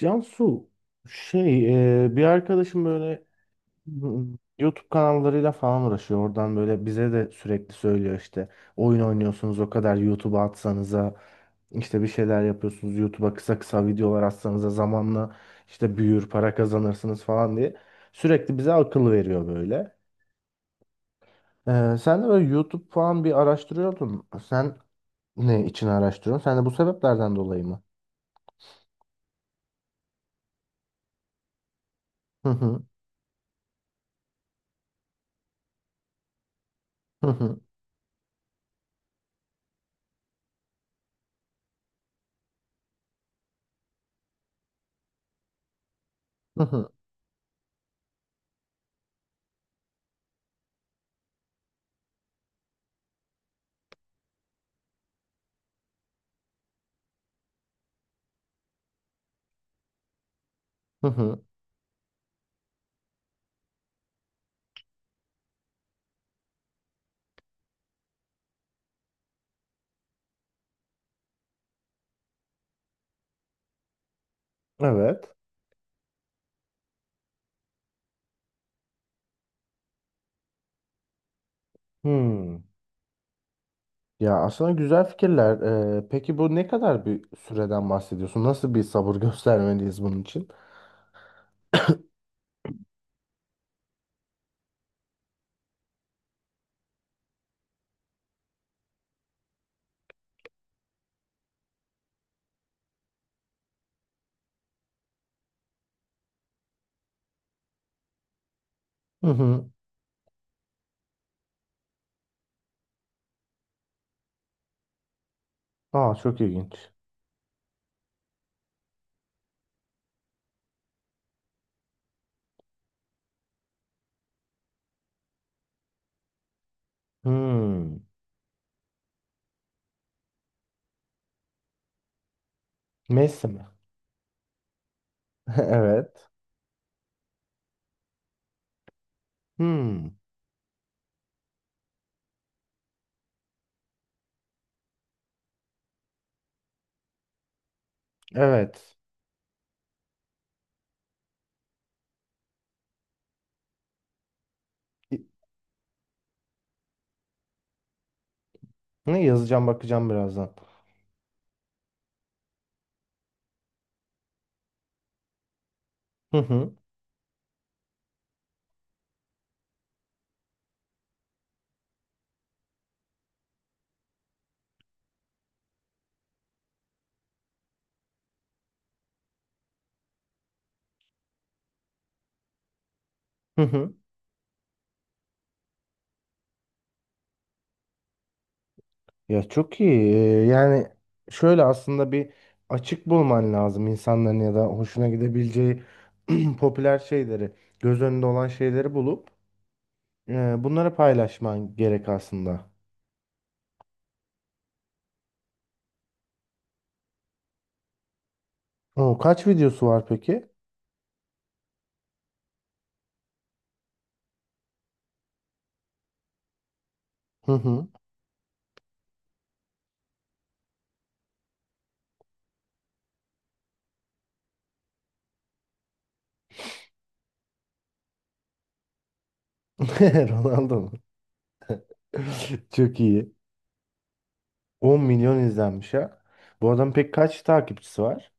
Cansu, bir arkadaşım böyle hmm, YouTube kanallarıyla falan uğraşıyor. Oradan böyle bize de sürekli söylüyor işte oyun oynuyorsunuz, o kadar YouTube'a atsanıza, işte bir şeyler yapıyorsunuz YouTube'a kısa kısa videolar atsanıza, zamanla işte büyür para kazanırsınız falan diye sürekli bize akıl veriyor böyle. Sen de böyle YouTube falan bir araştırıyordun. Sen ne için araştırıyorsun? Sen de bu sebeplerden dolayı mı? Hı hı hı hı hı hı. Hı hı. Evet. Hmm. Ya aslında güzel fikirler. Peki bu ne kadar bir süreden bahsediyorsun? Nasıl bir sabır göstermeliyiz bunun için? Hı hı. Aa, çok ilginç. Hmm. Messi mi? Evet. Hmm. Evet. Ne yazacağım, bakacağım birazdan. Hı hı. Hı hı. Ya çok iyi. Yani şöyle, aslında bir açık bulman lazım insanların ya da hoşuna gidebileceği popüler şeyleri, göz önünde olan şeyleri bulup bunları paylaşman gerek aslında. O kaç videosu var peki? Hı hı. Ronaldo mu? Çok iyi. 10 milyon izlenmiş ha. Bu adam pek kaç takipçisi var?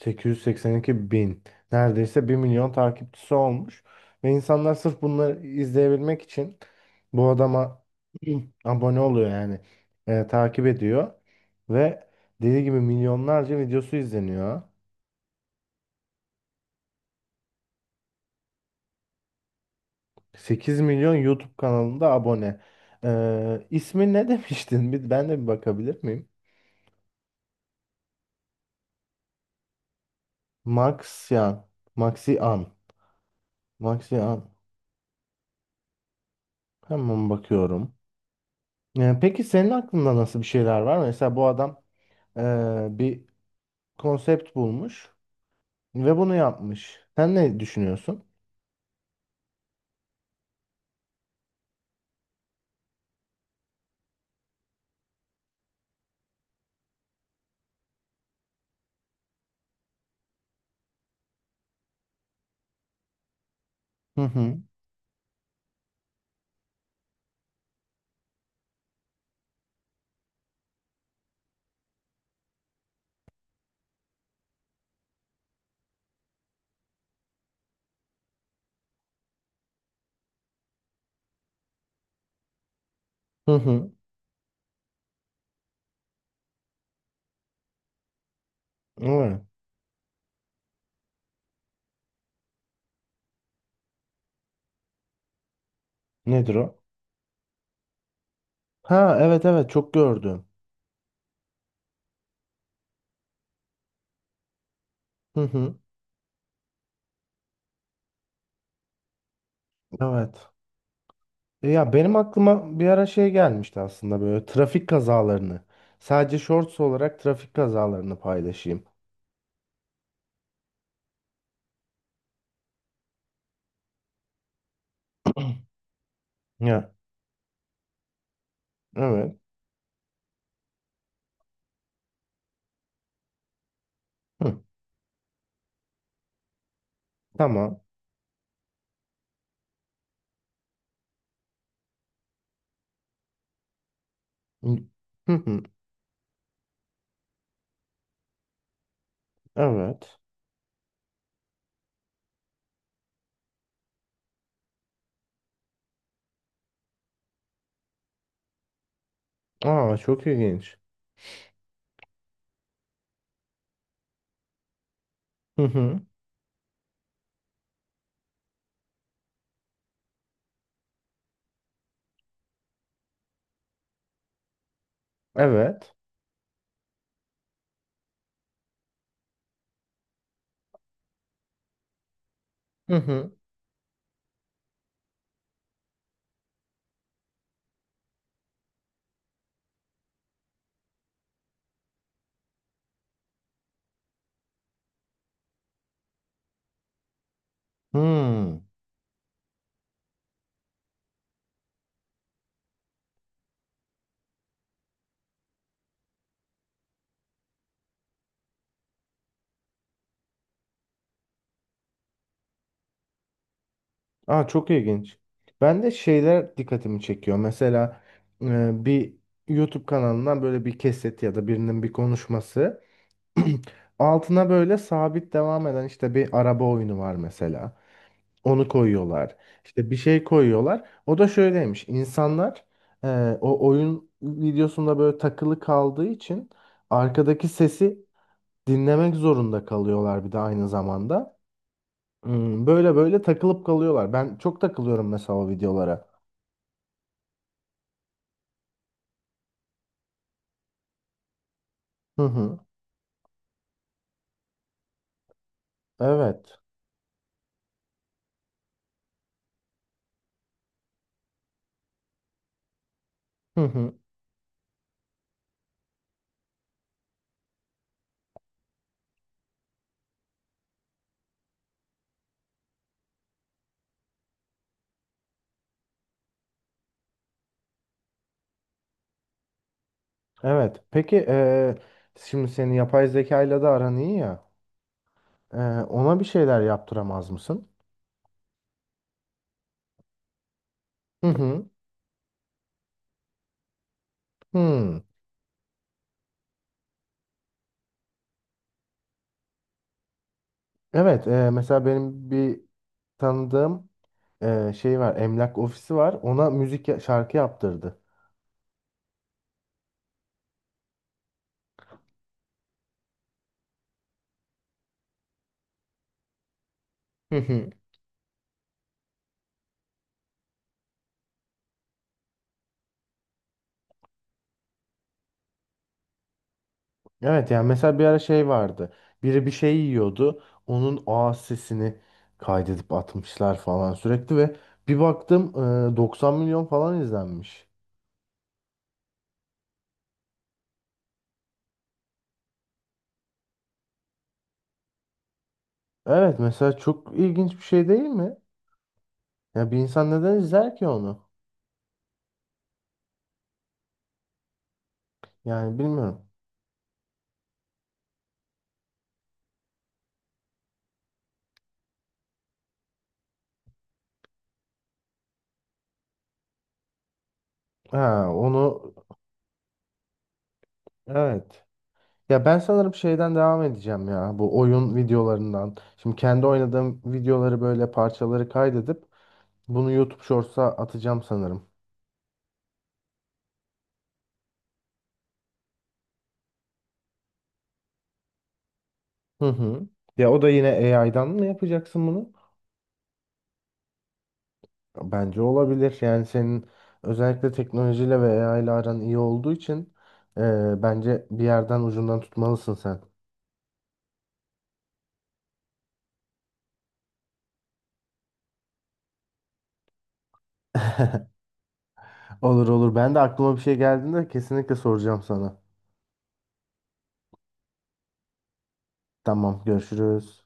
882 bin. Neredeyse bir milyon takipçisi olmuş. Ve insanlar sırf bunları izleyebilmek için bu adama abone oluyor yani. Takip ediyor. Ve dediği gibi milyonlarca videosu izleniyor. 8 milyon YouTube kanalında abone. İsmi ne demiştin? Ben de bir bakabilir miyim? Maxian. Maxian. Maxian. Hemen bakıyorum. Peki senin aklında nasıl bir şeyler var? Mesela bu adam bir konsept bulmuş ve bunu yapmış. Sen ne düşünüyorsun? Hı hı. Hı hı. Evet. Nedir o? Ha evet, evet çok gördüm. Hı hı. Evet. Ya benim aklıma bir ara şey gelmişti aslında, böyle trafik kazalarını. Sadece shorts olarak trafik kazalarını paylaşayım. Ya evet. Hı. Tamam. Hı hı. Evet. Aa, çok ilginç. Hı hı. Evet. Hı hı. Hı. Aa, çok ilginç. Ben de şeyler dikkatimi çekiyor. Mesela bir YouTube kanalından böyle bir kesit ya da birinin bir konuşması. Altına böyle sabit devam eden işte bir araba oyunu var mesela. Onu koyuyorlar. İşte bir şey koyuyorlar. O da şöyleymiş. İnsanlar e, o oyun videosunda böyle takılı kaldığı için arkadaki sesi dinlemek zorunda kalıyorlar bir de aynı zamanda. Böyle böyle takılıp kalıyorlar. Ben çok takılıyorum mesela o videolara. Hı hı. Evet. Hı hı. Evet. Peki şimdi senin yapay zekayla da aran iyi ya. Eee, ona bir şeyler yaptıramaz mısın? Hı hı. Hmm. Evet. Mesela benim bir tanıdığım şey var. Emlak ofisi var. Ona müzik şarkı yaptırdı. Evet yani, mesela bir ara şey vardı. Biri bir şey yiyordu. Onun ağız sesini kaydedip atmışlar falan sürekli ve bir baktım 90 milyon falan izlenmiş. Evet mesela, çok ilginç bir şey değil mi? Ya bir insan neden izler ki onu? Yani bilmiyorum. Ha onu evet. Ya ben sanırım şeyden devam edeceğim ya, bu oyun videolarından. Şimdi kendi oynadığım videoları, böyle parçaları kaydedip bunu YouTube Shorts'a atacağım sanırım. Hı hı. Ya o da yine AI'dan mı yapacaksın bunu? Bence olabilir. Yani senin özellikle teknolojiyle ve AI ile aran iyi olduğu için e, bence bir yerden ucundan tutmalısın sen. Olur olur. Ben de aklıma bir şey geldiğinde kesinlikle soracağım sana. Tamam, görüşürüz.